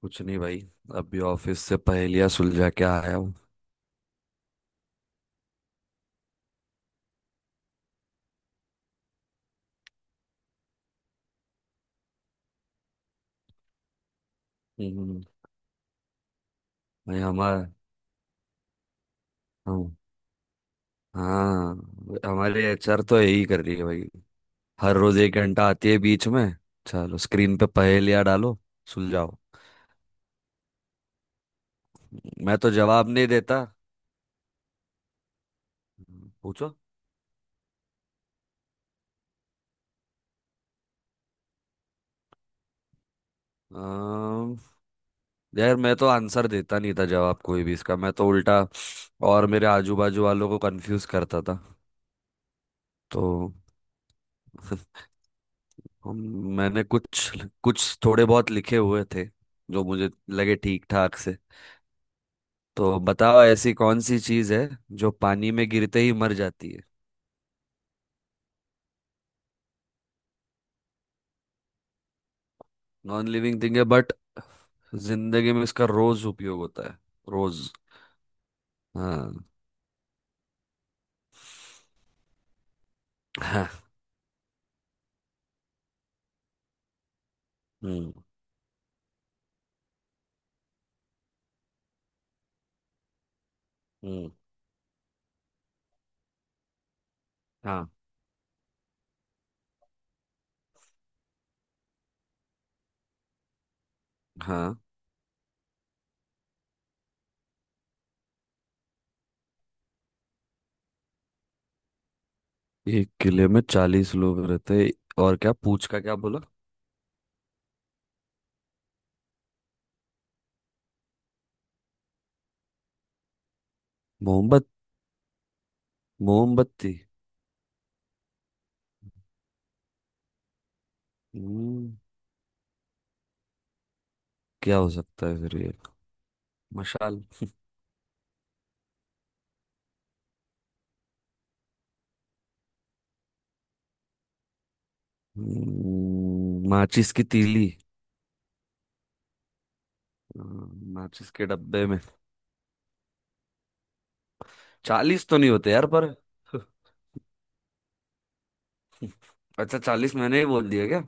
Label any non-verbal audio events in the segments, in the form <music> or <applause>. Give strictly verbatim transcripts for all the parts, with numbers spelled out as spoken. कुछ नहीं भाई। अभी ऑफिस से पहेलियां सुलझा के आया हूँ। हम्म, भाई हमारा। हम। हाँ। हमारे एचआर तो यही कर रही है भाई। हर रोज एक घंटा आती है बीच में। चलो स्क्रीन पे पहेलियां डालो, सुलझाओ। मैं तो जवाब नहीं देता। पूछो। अम, यार मैं तो आंसर देता नहीं था, जवाब कोई भी इसका। मैं तो उल्टा और मेरे आजू बाजू वालों को कंफ्यूज करता था। तो <laughs> हम मैंने कुछ कुछ थोड़े बहुत लिखे हुए थे, जो मुझे लगे ठीक ठाक से। तो बताओ, ऐसी कौन सी चीज है जो पानी में गिरते ही मर जाती है। नॉन लिविंग थिंग है बट जिंदगी में इसका रोज उपयोग होता है। रोज। हाँ। हाँ। हम्म। हम्म। हाँ। हाँ। एक किले में चालीस लोग रहते हैं। और क्या पूछ का क्या बोला। मोहम्मद। मोमबत्ती। हम्म। क्या हो सकता है फिर ये। मशाल। हम्म, माचिस की तीली। हाँ, माचिस के डब्बे में चालीस तो नहीं होते यार पर। अच्छा, चालीस मैंने ही बोल दिया क्या।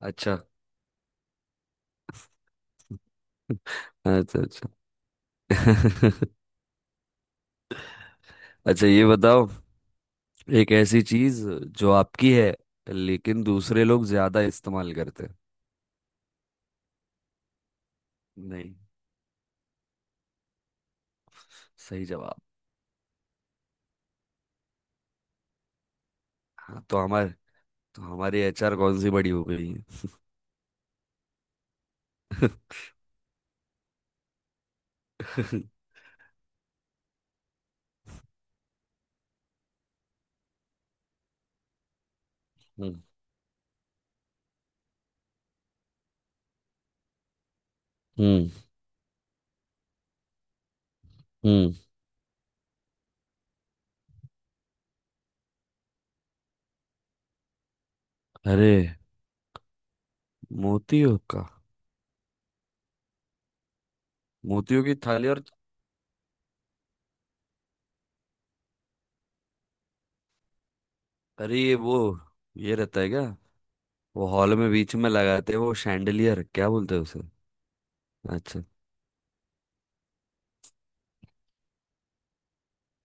अच्छा। अच्छा। अच्छा। <laughs> अच्छा, ये बताओ। एक ऐसी चीज जो आपकी है, लेकिन दूसरे लोग ज्यादा इस्तेमाल करते हैं। नहीं। सही जवाब। हाँ तो हमारे, तो हमारी एच आर कौन सी बड़ी हो गई है। <laughs> हम्म। हम्म। हम्म। अरे, मोतियों का। मोतियों की थाली और। अरे, ये वो, ये रहता है क्या? वो हॉल में बीच में लगाते हैं वो शैंडलियर, क्या बोलते हैं उसे। अच्छा।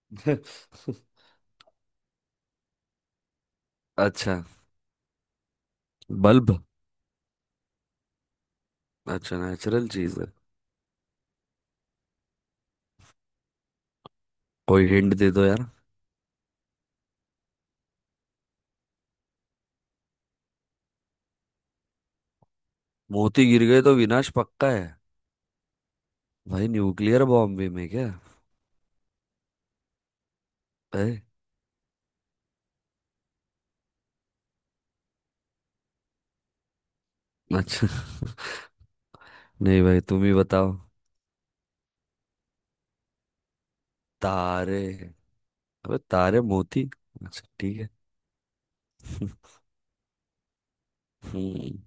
<laughs> अच्छा। बल्ब। अच्छा, नेचुरल चीज है। कोई हिंट दे दो यार। मोती गिर गए तो विनाश पक्का है। भाई न्यूक्लियर बॉम्ब भी में क्या है। अच्छा। <laughs> नहीं भाई तुम ही बताओ। तारे। अबे तारे मोती। अच्छा ठीक है। <laughs> हम्म।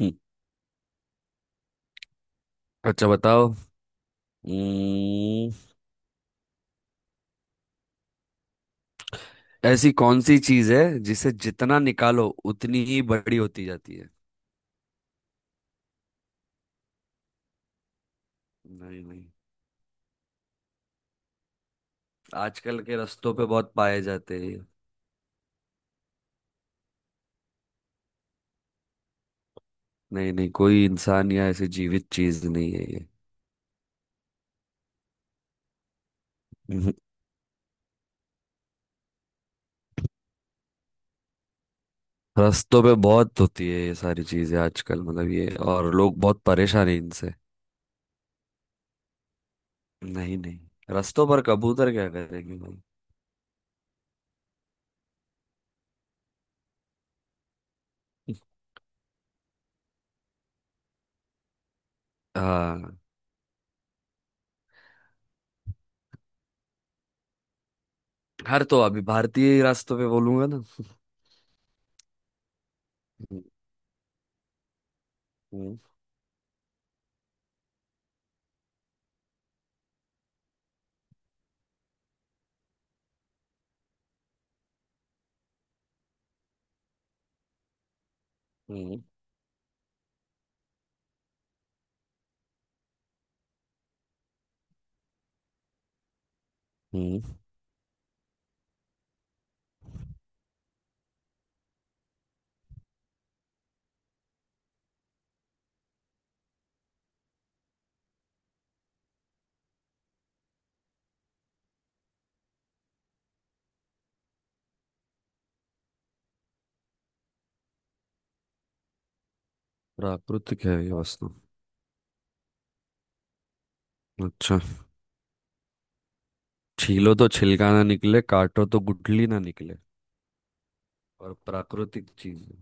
हम्म। अच्छा बताओ। हम्म, ऐसी कौन सी चीज है जिसे जितना निकालो उतनी ही बड़ी होती जाती है। नहीं नहीं। आजकल के रास्तों पे बहुत पाए जाते हैं ये। नहीं नहीं, कोई इंसान या ऐसी जीवित चीज नहीं है ये। <laughs> हम्म। रास्तों पे बहुत होती है ये सारी चीजें आजकल, मतलब ये, और लोग बहुत परेशान हैं इनसे। नहीं नहीं, रास्तों पर कबूतर क्या करेंगे भाई। हाँ। हर तो अभी भारतीय रास्तों पे बोलूंगा ना। हम्म। हम्म। हम्म। हम्म। प्राकृतिक है ये वस्तु। अच्छा, छीलो तो छिलका ना निकले, काटो तो गुठली ना निकले, और प्राकृतिक चीज है।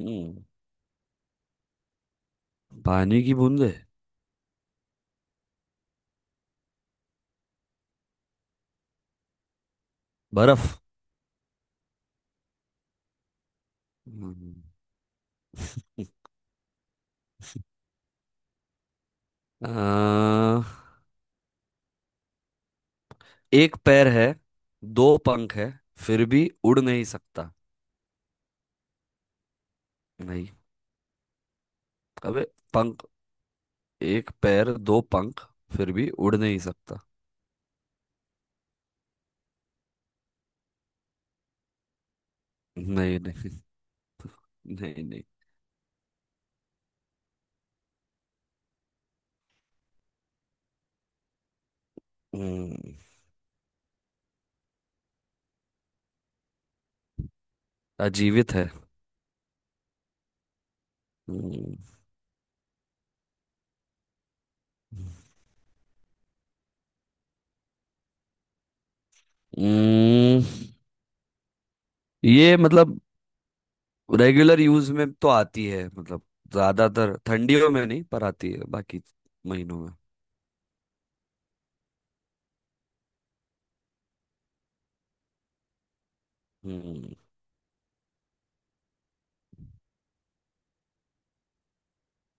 हम्म। पानी की बूंदे। बर्फ। हम्म। अ, एक पैर है, दो पंख है, फिर भी उड़ नहीं सकता। नहीं। अबे पंख। एक पैर, दो पंख, फिर भी उड़ नहीं सकता। नहीं नहीं। <laughs> नहीं नहीं। हम्म, अजीवित है। हम्म। हम्म, ये मतलब रेगुलर यूज में तो आती है, मतलब ज्यादातर ठंडियों में नहीं पर आती है बाकी महीनों में। हम्म।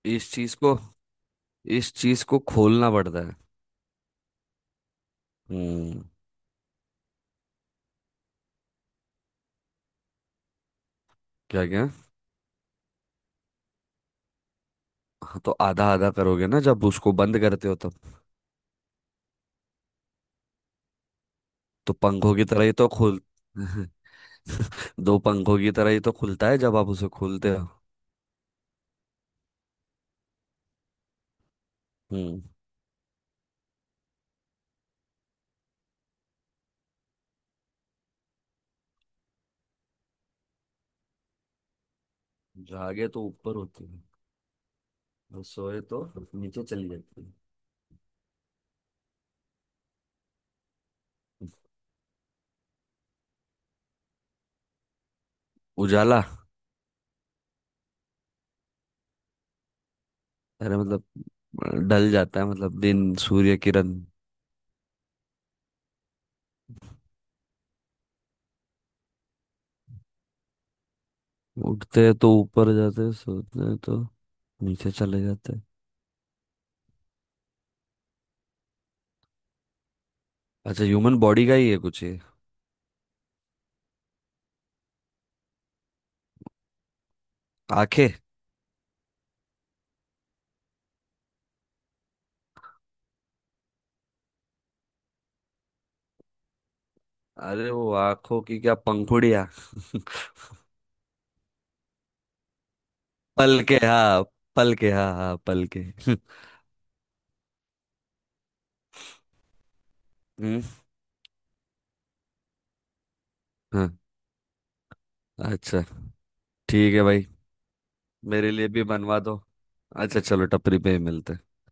इस चीज को, इस चीज को खोलना पड़ता है। हम्म। क्या क्या। हाँ तो आधा आधा करोगे ना जब उसको बंद करते हो तब। तो पंखों की तरह ही तो खुल। <laughs> दो पंखों की तरह ही तो खुलता है जब आप उसे खोलते हो। हम्म। जागे तो ऊपर होती है, और सोए तो नीचे चली जाती है। उजाला। अरे मतलब, अ, ढल जाता है, मतलब दिन, सूर्य किरण। उठते हैं तो ऊपर जाते हैं, सोते हैं तो नीचे चले जाते हैं। अच्छा, ह्यूमन बॉडी का ही है कुछ ये। आंखें। अरे वो आंखों की क्या, पंखुड़िया। <laughs> पल के हाँ, पल के हाँ हाँ पल के। <laughs> हम्म। हाँ। अच्छा। ठीक है भाई। मेरे लिए भी बनवा दो। अच्छा चलो टपरी पे ही मिलते हैं।